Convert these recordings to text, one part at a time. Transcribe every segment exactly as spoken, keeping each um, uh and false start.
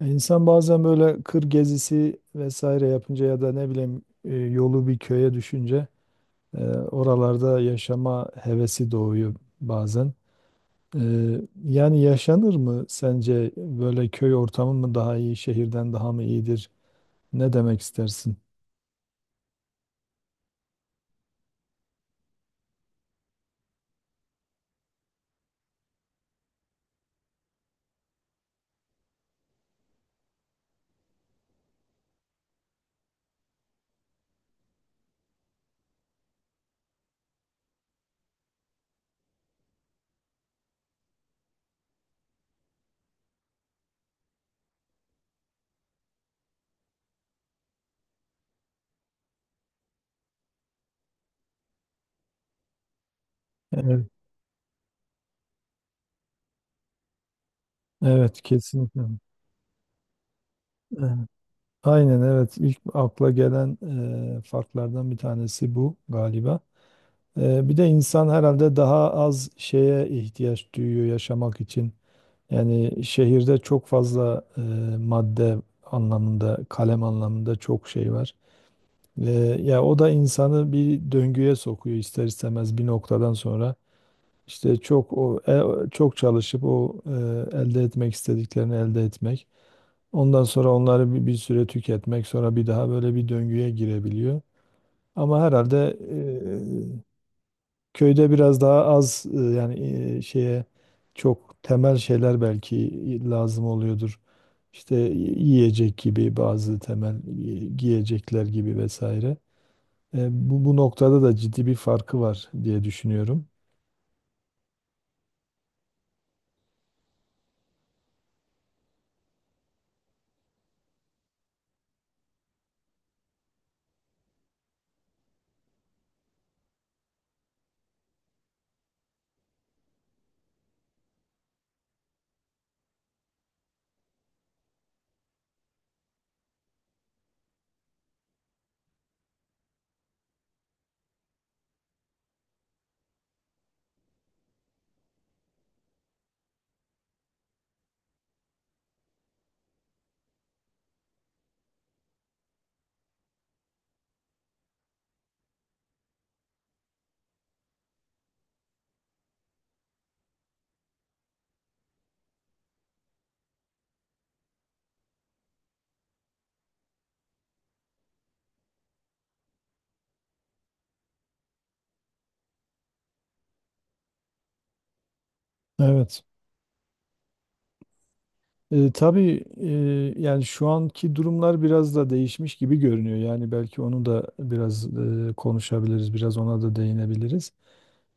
Ya İnsan bazen böyle kır gezisi vesaire yapınca ya da ne bileyim e, yolu bir köye düşünce e, oralarda yaşama hevesi doğuyor bazen. E, Yani yaşanır mı sence böyle köy ortamı mı daha iyi, şehirden daha mı iyidir? Ne demek istersin? Evet, evet kesinlikle. Evet. Aynen, evet, ilk akla gelen e, farklardan bir tanesi bu galiba. E, bir de insan herhalde daha az şeye ihtiyaç duyuyor yaşamak için. Yani şehirde çok fazla e, madde anlamında, kalem anlamında çok şey var. E, Ya o da insanı bir döngüye sokuyor ister istemez bir noktadan sonra. İşte çok o e, çok çalışıp o e, elde etmek istediklerini elde etmek. Ondan sonra onları bir, bir süre tüketmek, sonra bir daha böyle bir döngüye girebiliyor. Ama herhalde e, köyde biraz daha az e, yani e, şeye, çok temel şeyler belki lazım oluyordur, işte yiyecek gibi bazı temel e, giyecekler gibi vesaire. E, bu, bu noktada da ciddi bir farkı var diye düşünüyorum. Evet. E, tabii e, yani şu anki durumlar biraz da değişmiş gibi görünüyor. Yani belki onu da biraz e, konuşabiliriz, biraz ona da değinebiliriz.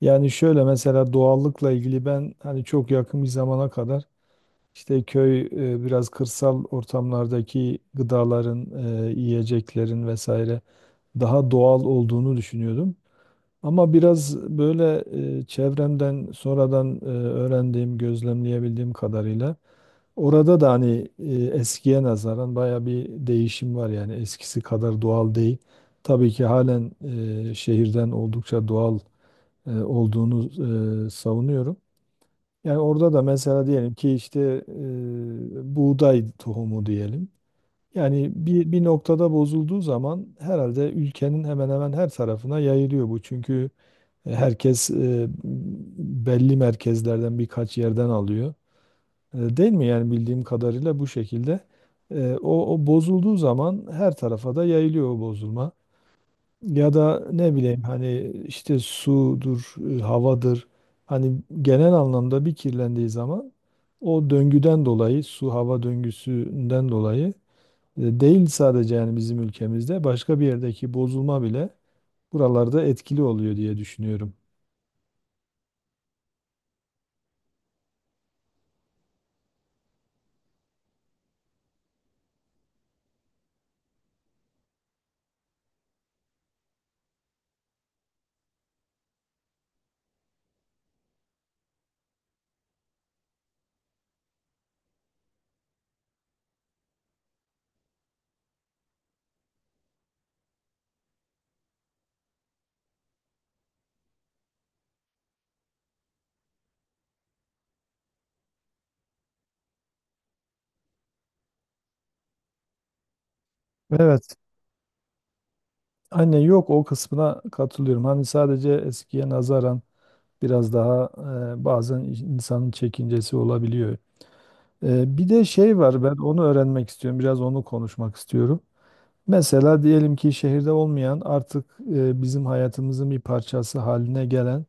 Yani şöyle, mesela doğallıkla ilgili ben hani çok yakın bir zamana kadar İşte köy e, biraz kırsal ortamlardaki gıdaların, e, yiyeceklerin vesaire daha doğal olduğunu düşünüyordum. Ama biraz böyle e, çevremden sonradan e, öğrendiğim, gözlemleyebildiğim kadarıyla orada da hani e, eskiye nazaran baya bir değişim var, yani eskisi kadar doğal değil. Tabii ki halen e, şehirden oldukça doğal e, olduğunu e, savunuyorum. Yani orada da mesela diyelim ki işte e, buğday tohumu diyelim. Yani bir, bir noktada bozulduğu zaman herhalde ülkenin hemen hemen her tarafına yayılıyor bu. Çünkü herkes e, belli merkezlerden birkaç yerden alıyor. E, Değil mi? Yani bildiğim kadarıyla bu şekilde. E, O, o bozulduğu zaman her tarafa da yayılıyor o bozulma. Ya da ne bileyim hani işte sudur, e, havadır. Hani genel anlamda bir kirlendiği zaman, o döngüden dolayı, su hava döngüsünden dolayı e, değil sadece, yani bizim ülkemizde, başka bir yerdeki bozulma bile buralarda etkili oluyor diye düşünüyorum. Evet. Anne, yok, o kısmına katılıyorum. Hani sadece eskiye nazaran biraz daha e, bazen insanın çekincesi olabiliyor. E, bir de şey var, ben onu öğrenmek istiyorum. Biraz onu konuşmak istiyorum. Mesela diyelim ki şehirde olmayan, artık e, bizim hayatımızın bir parçası haline gelen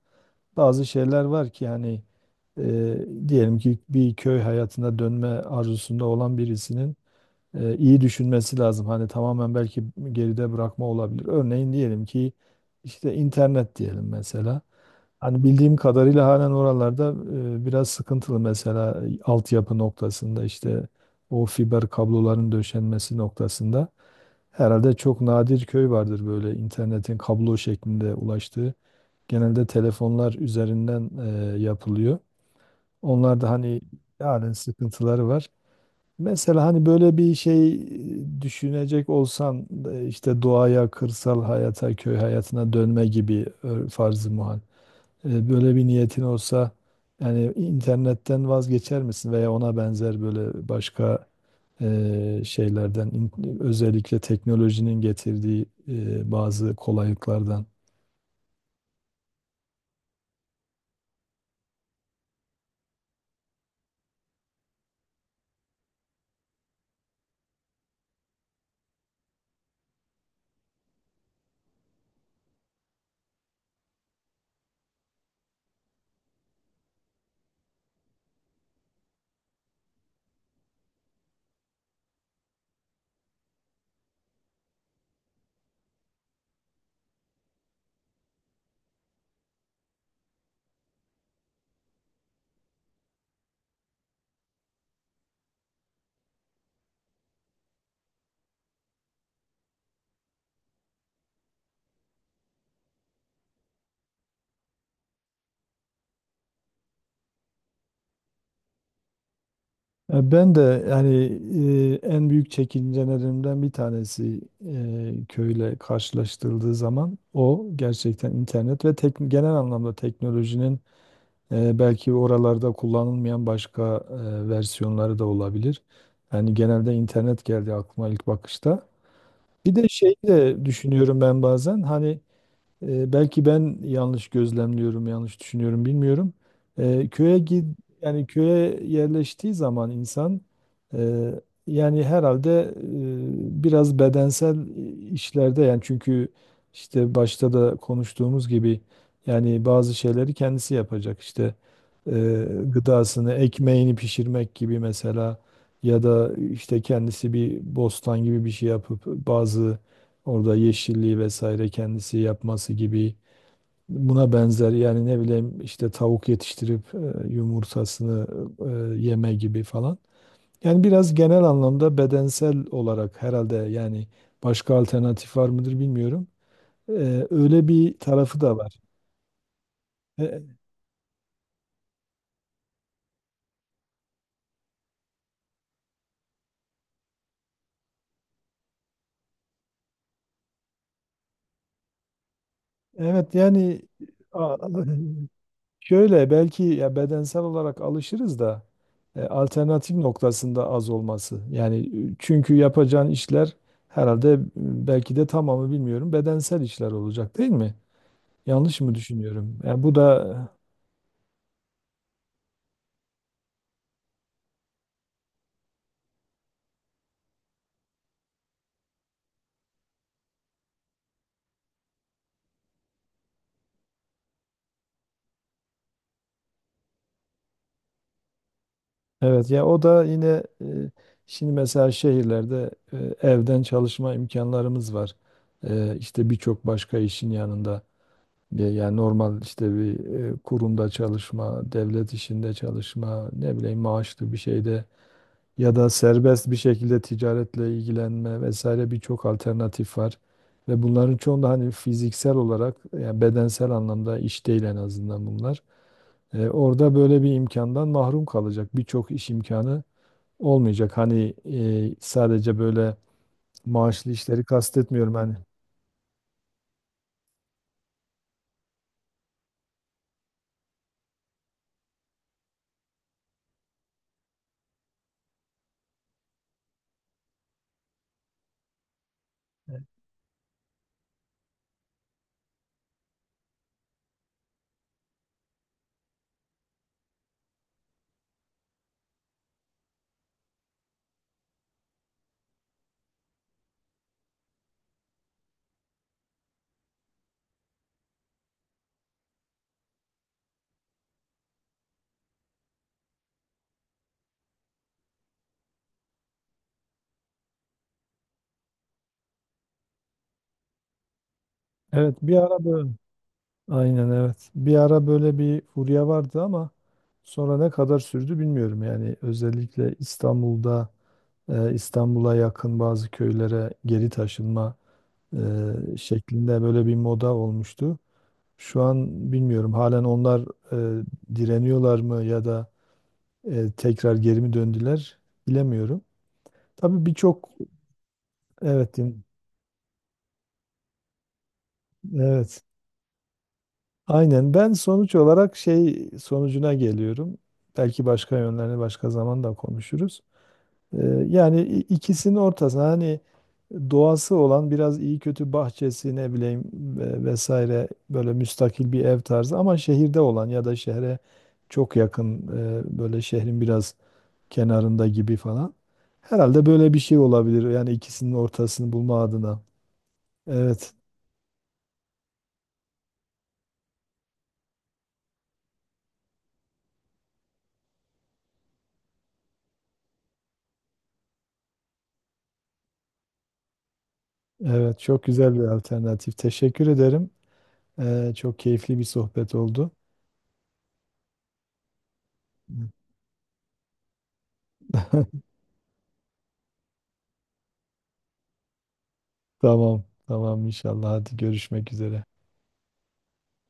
bazı şeyler var ki, yani e, diyelim ki bir köy hayatına dönme arzusunda olan birisinin e, iyi düşünmesi lazım. Hani tamamen belki geride bırakma olabilir. Örneğin diyelim ki işte internet diyelim mesela. Hani bildiğim kadarıyla halen oralarda e, biraz sıkıntılı, mesela e, altyapı noktasında, işte o fiber kabloların döşenmesi noktasında. Herhalde çok nadir köy vardır böyle internetin kablo şeklinde ulaştığı. Genelde telefonlar üzerinden e, yapılıyor. Onlar da hani halen sıkıntıları var. Mesela hani böyle bir şey e, düşünecek olsan e, işte doğaya, kırsal hayata, köy hayatına dönme gibi e, farz-ı muhal. E, Böyle bir niyetin olsa, yani internetten vazgeçer misin veya ona benzer böyle başka e, şeylerden in- özellikle teknolojinin getirdiği e, bazı kolaylıklardan. Ya ben de yani e, en büyük çekincelerimden bir tanesi e, köyle karşılaştırıldığı zaman o gerçekten internet ve tek, genel anlamda teknolojinin e, belki oralarda kullanılmayan başka e, versiyonları da olabilir. Yani genelde internet geldi aklıma ilk bakışta. Bir de şeyi de düşünüyorum ben bazen, hani e, belki ben yanlış gözlemliyorum, yanlış düşünüyorum, bilmiyorum. E, köye gid Yani köye yerleştiği zaman insan e, yani herhalde e, biraz bedensel işlerde, yani çünkü işte başta da konuştuğumuz gibi, yani bazı şeyleri kendisi yapacak, işte e, gıdasını, ekmeğini pişirmek gibi mesela, ya da işte kendisi bir bostan gibi bir şey yapıp bazı orada yeşilliği vesaire kendisi yapması gibi, buna benzer, yani ne bileyim işte tavuk yetiştirip e, yumurtasını e, yeme gibi falan. Yani biraz genel anlamda bedensel olarak herhalde, yani başka alternatif var mıdır bilmiyorum. E, Öyle bir tarafı da var. E, evet, yani a- şöyle, belki ya bedensel olarak alışırız da e, alternatif noktasında az olması. Yani e, çünkü yapacağın işler herhalde e, belki de tamamı bilmiyorum, bedensel işler olacak değil mi? Yanlış mı düşünüyorum? Yani bu da evet. Ya o da yine e, şimdi mesela şehirlerde e, evden çalışma imkanlarımız var. E, işte birçok başka işin yanında. E, Yani normal işte bir e, kurumda çalışma, devlet işinde çalışma, ne bileyim maaşlı bir şeyde, ya da serbest bir şekilde ticaretle ilgilenme vesaire birçok alternatif var. Ve bunların çoğunda hani fiziksel olarak, yani bedensel anlamda iş değil en azından bunlar. E, orada böyle bir imkandan mahrum kalacak. Birçok iş imkanı olmayacak. Hani e, sadece böyle maaşlı işleri kastetmiyorum hani. Evet, bir ara böyle aynen, evet. Bir ara böyle bir furya vardı ama sonra ne kadar sürdü bilmiyorum. Yani özellikle İstanbul'da e, İstanbul'a yakın bazı köylere geri taşınma e, şeklinde böyle bir moda olmuştu. Şu an bilmiyorum, halen onlar e, direniyorlar mı ya da e, tekrar geri mi döndüler bilemiyorum. Tabii birçok evet. Din- evet, aynen, ben sonuç olarak şey sonucuna geliyorum. Belki başka yönlerini başka zaman da konuşuruz. Ee, Yani i- ikisinin ortasına hani doğası olan biraz iyi kötü bahçesi ne bileyim ve- vesaire böyle müstakil bir ev tarzı, ama şehirde olan ya da şehre çok yakın, e, böyle şehrin biraz kenarında gibi falan. Herhalde böyle bir şey olabilir, yani ikisinin ortasını bulma adına. Evet, evet, çok güzel bir alternatif. Teşekkür ederim. Ee, çok keyifli bir sohbet oldu. Tamam, tamam, inşallah. Hadi görüşmek üzere.